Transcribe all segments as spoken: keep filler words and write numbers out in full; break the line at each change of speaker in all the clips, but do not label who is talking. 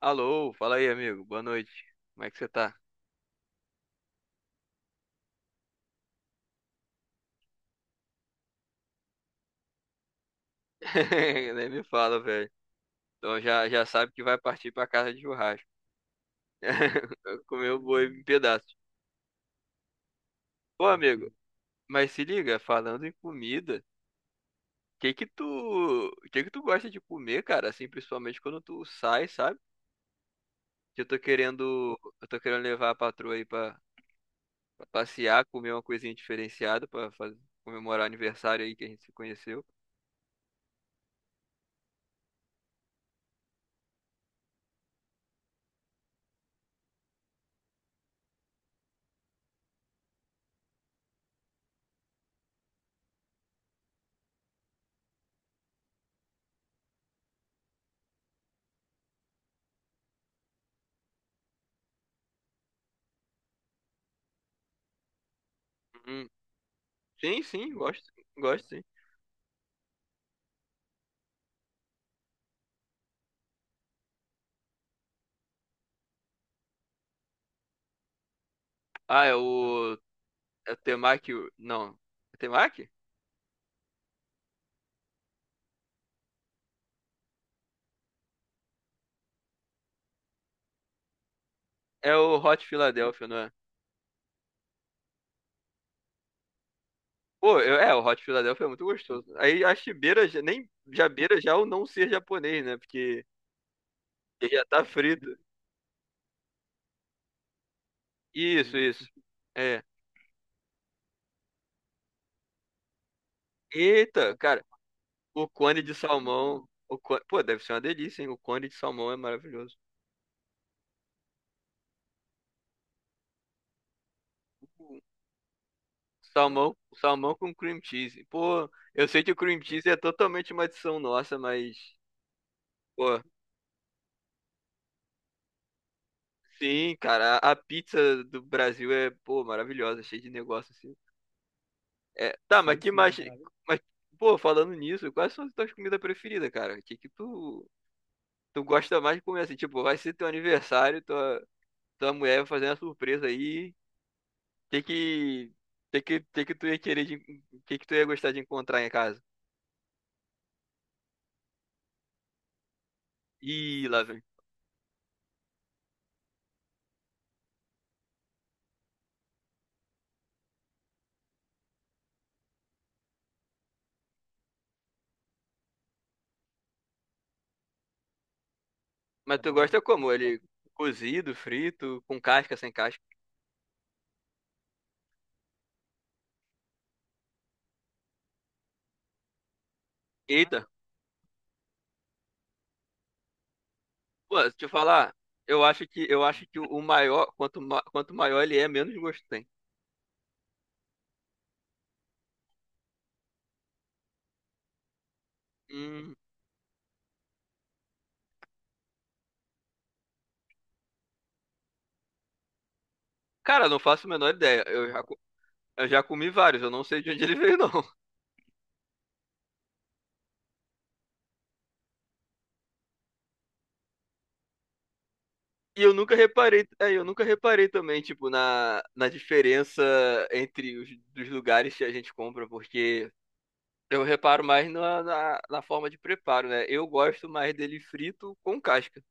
Alô, fala aí, amigo. Boa noite. Como é que você tá? Nem me fala, velho. Então já, já sabe que vai partir pra casa de churrasco. Comer o boi em pedaços. Ô, amigo, mas se liga, falando em comida, o que que tu, o que que tu gosta de comer, cara? Assim, principalmente quando tu sai, sabe? Que Eu tô querendo, eu tô querendo levar a patroa aí pra, pra passear, comer uma coisinha diferenciada pra fazer, comemorar o aniversário aí que a gente se conheceu. Hum, Sim, sim, gosto, gosto sim. Ah, é o é o Temaki. Não. É Temaki? É o Hot Philadelphia, não é? Pô, eu- é, o Hot Philadelphia é muito gostoso. Aí acho que beira, já- nem, já beira já o não ser japonês, né? Porque ele já tá frito. Isso, isso. É. Eita, cara, o cone de salmão. O cone, pô, deve ser uma delícia, hein? O cone de salmão é maravilhoso. Salmão, salmão com cream cheese. Pô, eu sei que o cream cheese é totalmente uma adição nossa, mas. Pô, sim, cara, a a pizza do Brasil é, pô, maravilhosa, cheia de negócio assim. É, tá, mas Sim, que sim, mais, cara. Mas pô, falando nisso, quais são as tuas comidas preferidas, cara? O que que tu tu gosta mais de comer assim? Tipo, vai ser teu aniversário, tua tua mulher vai fazer uma surpresa aí. O Que que que que que que tu ia querer de, que que tu ia gostar de encontrar em casa? Ih, lá vem. Mas tu gosta como? Ele cozido, frito, com casca, sem casca? Eita. Pô, deixa eu falar, eu acho que eu acho que o maior, quanto, ma- quanto maior ele é, menos gosto tem. Hum, cara, não faço a menor ideia. Eu já, co- eu já comi vários, eu não sei de onde ele veio, não. E eu nunca reparei, é, eu nunca reparei também, tipo, na, na diferença entre os dos lugares que a gente compra, porque eu reparo mais na, na, na forma de preparo, né? Eu gosto mais dele frito com casca.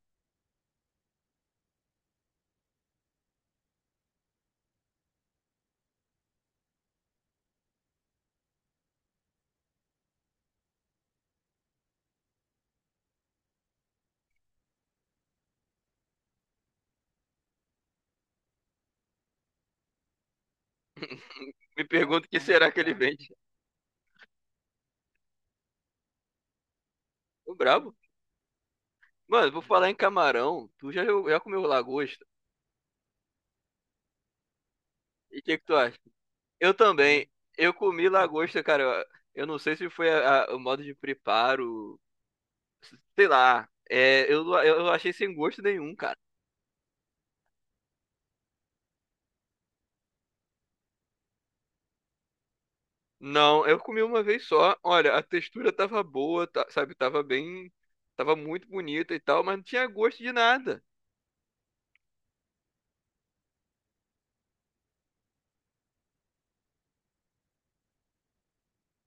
Me pergunto o que será que ele vende. O brabo? Mano, vou falar em camarão. Tu já, já comeu lagosta? E o que que tu acha? Eu também. Eu comi lagosta, cara. Eu não sei se foi a- a- o modo de preparo, sei lá. É, eu, eu achei sem gosto nenhum, cara. Não, eu comi uma vez só. Olha, a textura tava boa, tá- sabe? Tava bem, tava muito bonita e tal, mas não tinha gosto de nada.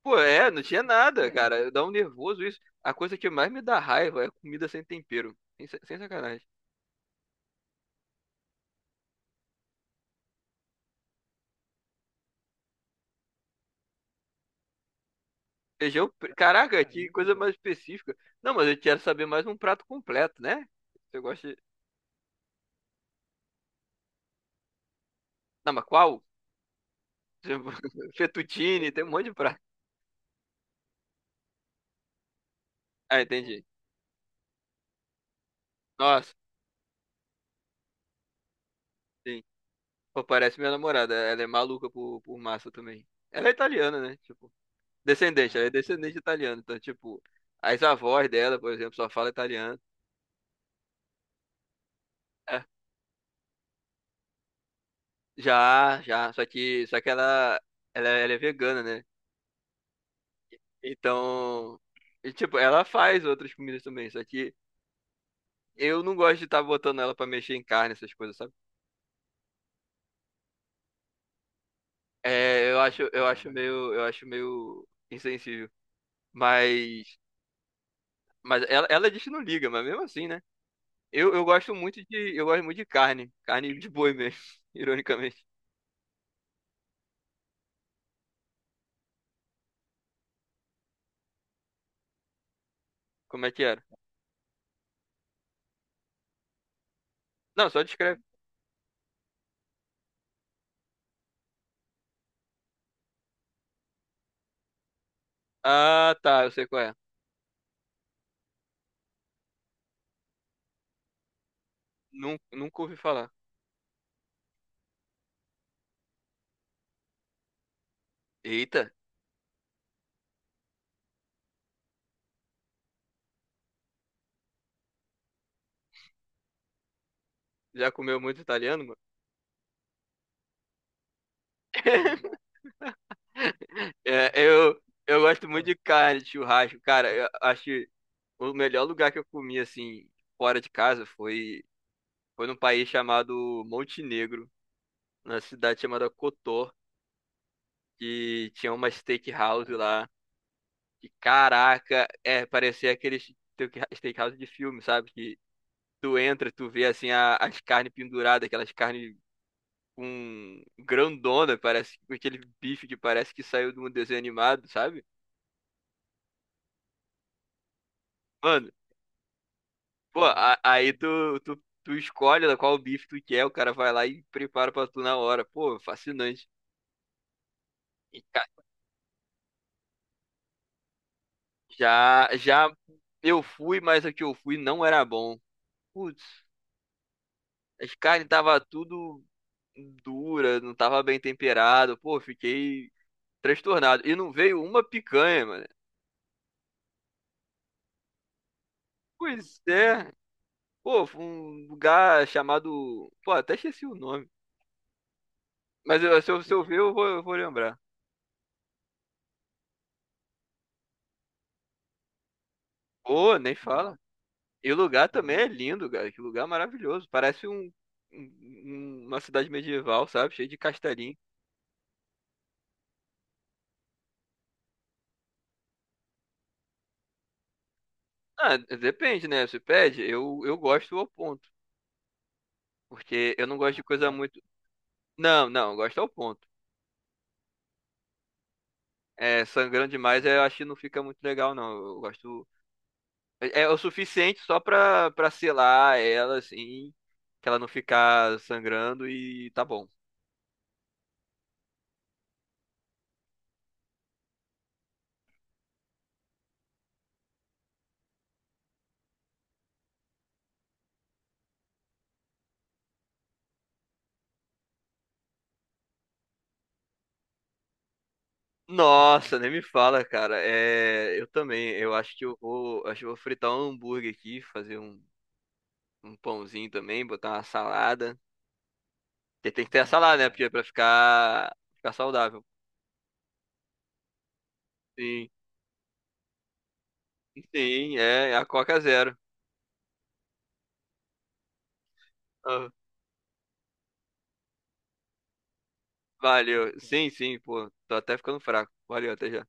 Pô, é, não tinha nada, cara. Dá um nervoso isso. A coisa que mais me dá raiva é comida sem tempero. Sem, sem sacanagem. Feijão. pre- Caraca, que coisa mais específica. Não, mas eu quero saber mais um prato completo, né? Você gosta de. Não, mas qual? Tipo, Fettuccine, tem um monte de prato. Ah, entendi. Nossa, sim. Pô, parece minha namorada. Ela é maluca por, por massa também. Ela é italiana, né? Tipo, descendente, ela é descendente de italiano. Então, tipo, as avós dela, por exemplo, só fala italiano. É. Já, já. Só que, só que ela, ela, ela é vegana, né? Então. E, tipo, ela faz outras comidas também, só que. Eu não gosto de estar botando ela pra mexer em carne, essas coisas, sabe? É, eu acho, eu acho meio, eu acho meio insensível. Mas, mas ela, ela diz que não liga, mas mesmo assim, né? Eu, eu gosto muito de, eu gosto muito de carne, carne de boi mesmo, ironicamente. Como é que era? Não, só descreve. Ah, tá, eu sei qual é. Nun- Nunca ouvi falar. Eita, já comeu muito italiano, mano? É, eu, eu gosto muito de carne, de churrasco, cara. Eu acho. O melhor lugar que eu comi, assim, fora de casa foi, foi num país chamado Montenegro, na cidade chamada Kotor, que tinha uma steakhouse lá. E caraca, é, parecia aqueles steak- steakhouse de filme, sabe? Que tu entra, tu vê, assim, a- as carnes penduradas, aquelas carnes com grandona, parece aquele bife que parece que saiu de um desenho animado, sabe? Mano, pô, a- aí tu, tu, tu escolhe qual bife tu quer, o cara vai lá e prepara pra tu na hora. Pô, fascinante. E, ca- já, já eu fui, mas o que eu fui não era bom. Putz, as carnes tava tudo dura, não tava bem temperado. Pô, fiquei transtornado. E não veio uma picanha, mano. Pois é. Pô, foi um lugar chamado. Pô, até esqueci o nome. Mas eu- se eu, se eu ver, eu vou, eu vou lembrar. Pô, nem fala. E o lugar também é lindo, cara. Que lugar maravilhoso. Parece um, um- um, uma cidade medieval, sabe? Cheio de castelinho. Ah, depende, né? Você pede, eu, eu gosto ao ponto. Porque eu não gosto de coisa muito. Não, não, eu gosto ao ponto. É, sangrando demais, eu acho que não fica muito legal, não. Eu gosto. É é o suficiente só pra, pra selar ela, assim. Que ela não ficar sangrando e tá bom. Nossa, nem me fala, cara. É, eu também. Eu acho que eu vou, acho que eu vou fritar um hambúrguer aqui, fazer um, um pãozinho também, botar uma salada. Porque tem que ter a salada, né? Porque é pra ficar, ficar saudável. Sim, sim, é, é a Coca Zero. Ah, valeu. Sim, sim, pô. Tô até ficando fraco. Valeu, até já.